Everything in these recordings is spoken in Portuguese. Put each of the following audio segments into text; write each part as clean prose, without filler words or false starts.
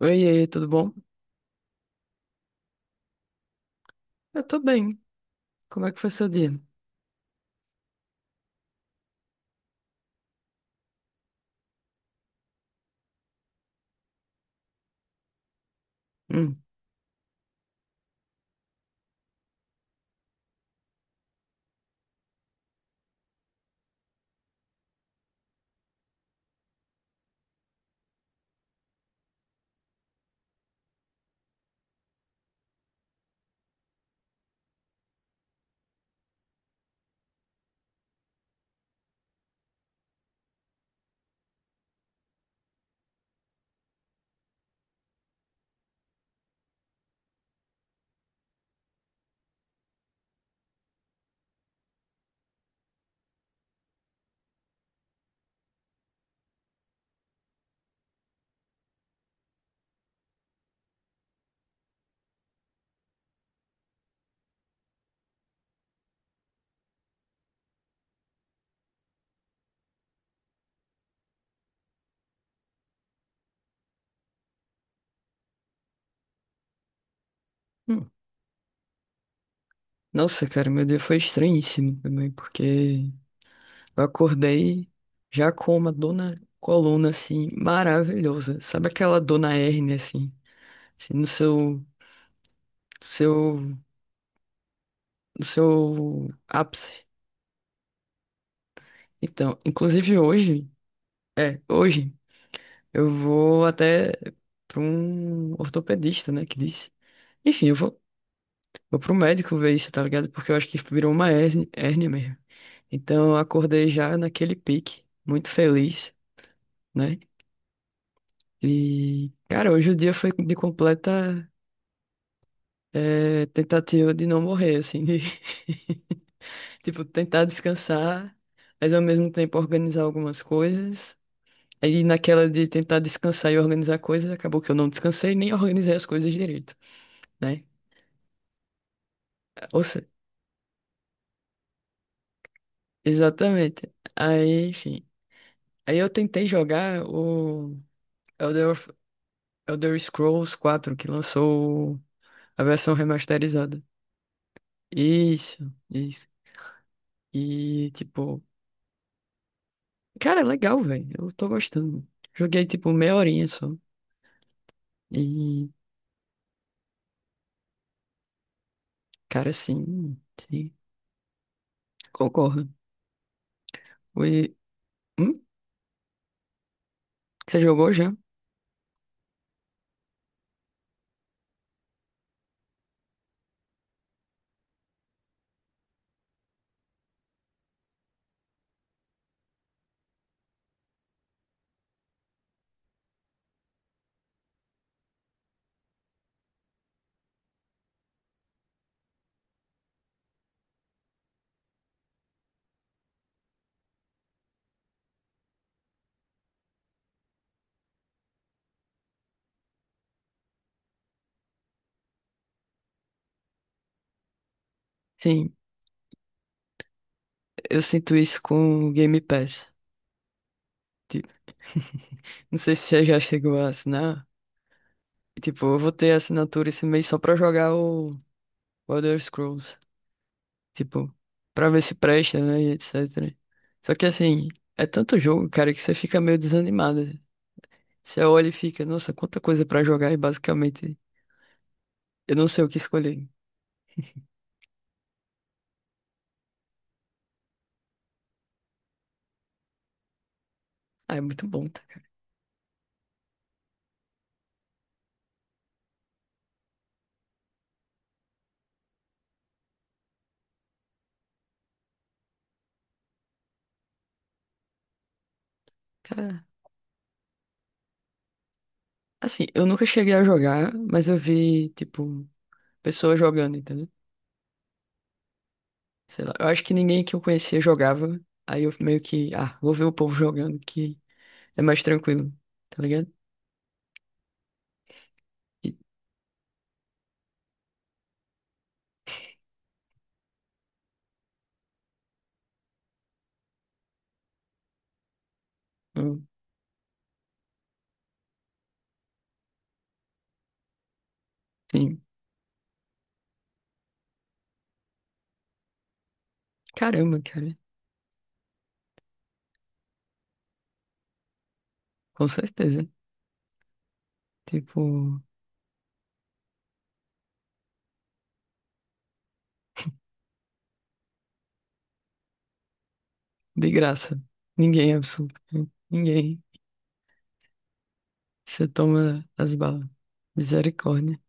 Oi, e aí, tudo bom? Eu tô bem. Como é que foi seu dia? Hum, hum. Nossa, cara, meu dia foi estranhíssimo também, porque eu acordei já com uma dona coluna, assim, maravilhosa. Sabe aquela dona hérnia, assim, no seu, no seu ápice? Então, inclusive hoje, eu vou até para um ortopedista, né, que disse. Enfim, eu vou Vou pro médico ver isso, tá ligado? Porque eu acho que virou uma hérnia, hérnia mesmo. Então eu acordei já naquele pique, muito feliz, né? E, cara, hoje o dia foi de completa tentativa de não morrer, assim, de tipo, tentar descansar, mas ao mesmo tempo organizar algumas coisas. Aí naquela de tentar descansar e organizar coisas, acabou que eu não descansei nem organizei as coisas direito, né? Ou seja, exatamente. Aí, enfim. Aí eu tentei jogar o. Elder, of- Elder Scrolls 4 que lançou a versão remasterizada. Isso, isso. E, tipo, cara, é legal, velho. Eu tô gostando. Joguei, tipo, meia horinha só. E, cara, sim, sim. Concordo. E, hum? Você jogou já? Sim, eu sinto isso com o Game Pass. Tipo, não sei se você já chegou a assinar. E, tipo, eu vou ter assinatura esse mês só pra jogar o Elder Scrolls. Tipo, pra ver se presta, né? E etc. Só que assim, é tanto jogo, cara, que você fica meio desanimado. Você olha e fica, nossa, quanta coisa pra jogar e basicamente eu não sei o que escolher. Ah, é muito bom, tá? Cara, assim, eu nunca cheguei a jogar, mas eu vi, tipo, pessoas jogando, entendeu? Sei lá, eu acho que ninguém que eu conhecia jogava. Aí eu meio que, ah, vou ver o povo jogando que é mais tranquilo, tá ligado? E, hum, sim. Caramba, cara, com certeza. Tipo. De graça. Ninguém, absolutamente ninguém. Você toma as balas. Misericórdia.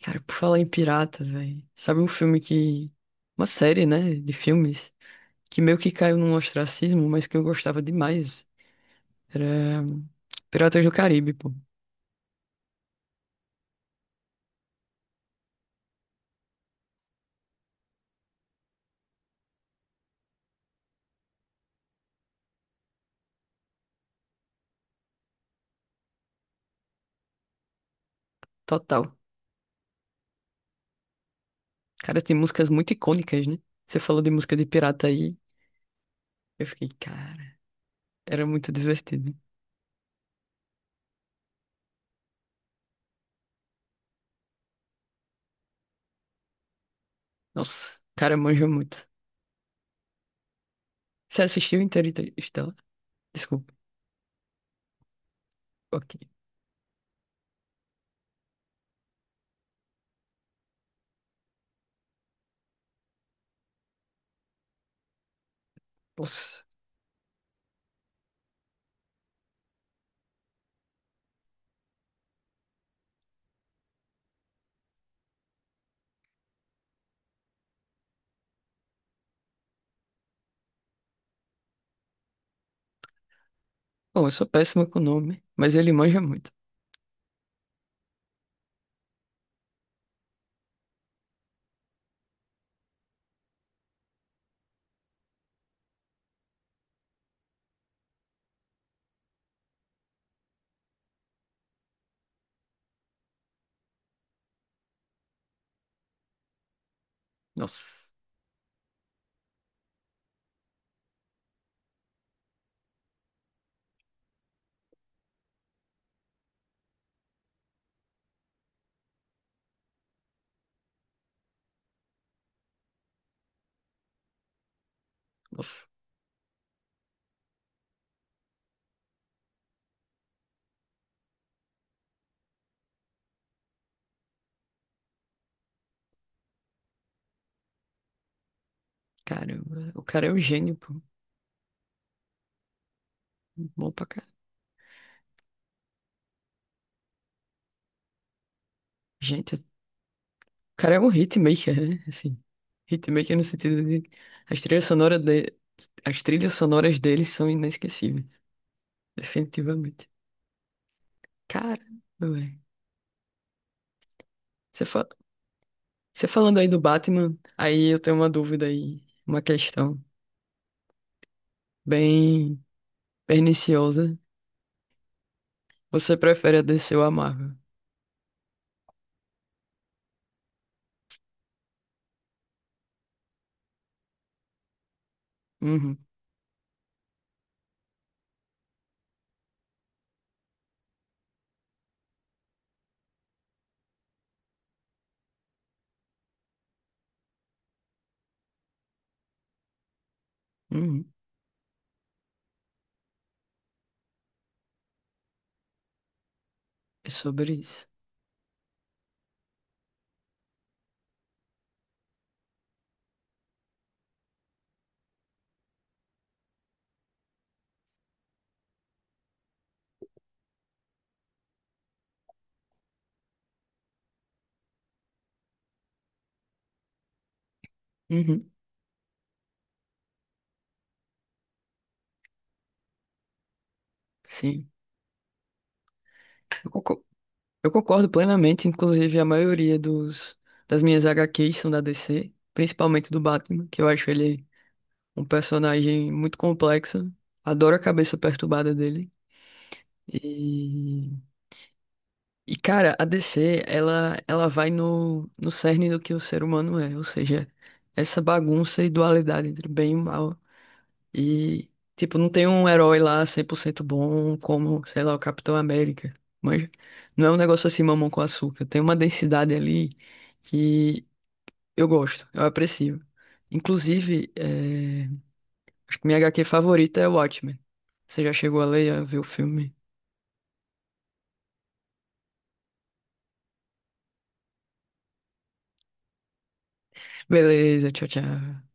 Cara, por falar em pirata, velho. Sabe um filme que. Uma série, né? De filmes. Que meio que caiu num ostracismo, mas que eu gostava demais. Era. Piratas do Caribe, pô. Total. Cara, tem músicas muito icônicas, né? Você falou de música de pirata aí. Eu fiquei, cara. Era muito divertido. Nossa. Cara, manja muito. Você assistiu Interestelar? Desculpa. Ok. Nossa. Bom, eu sou péssimo com nome, mas ele manja muito. Nossa, nossa, caramba. O cara é um gênio, pô. Bom pra cá. Gente, o cara é um hitmaker, né? Assim, hitmaker no sentido de... As trilhas sonoras de... As trilhas sonoras dele são inesquecíveis. Definitivamente. Cara, velho. Você fa... Você falando aí do Batman, aí eu tenho uma dúvida aí. Uma questão bem perniciosa. Você prefere a DC ou a Marvel? Uhum, uhum. É sobre isso. Uhum. Sim, eu concor- eu concordo plenamente, inclusive a maioria dos, das minhas HQs são da DC, principalmente do Batman, que eu acho ele um personagem muito complexo, adoro a cabeça perturbada dele. E, cara, a DC, ela vai no cerne do que o ser humano é, ou seja, essa bagunça e dualidade entre bem e mal. E, tipo, não tem um herói lá 100% bom como, sei lá, o Capitão América. Mas não é um negócio assim, mamão com açúcar. Tem uma densidade ali que eu gosto, eu aprecio. Inclusive, é, acho que minha HQ favorita é Watchmen. Você já chegou a ler, a ver o filme? Beleza, tchau, tchau.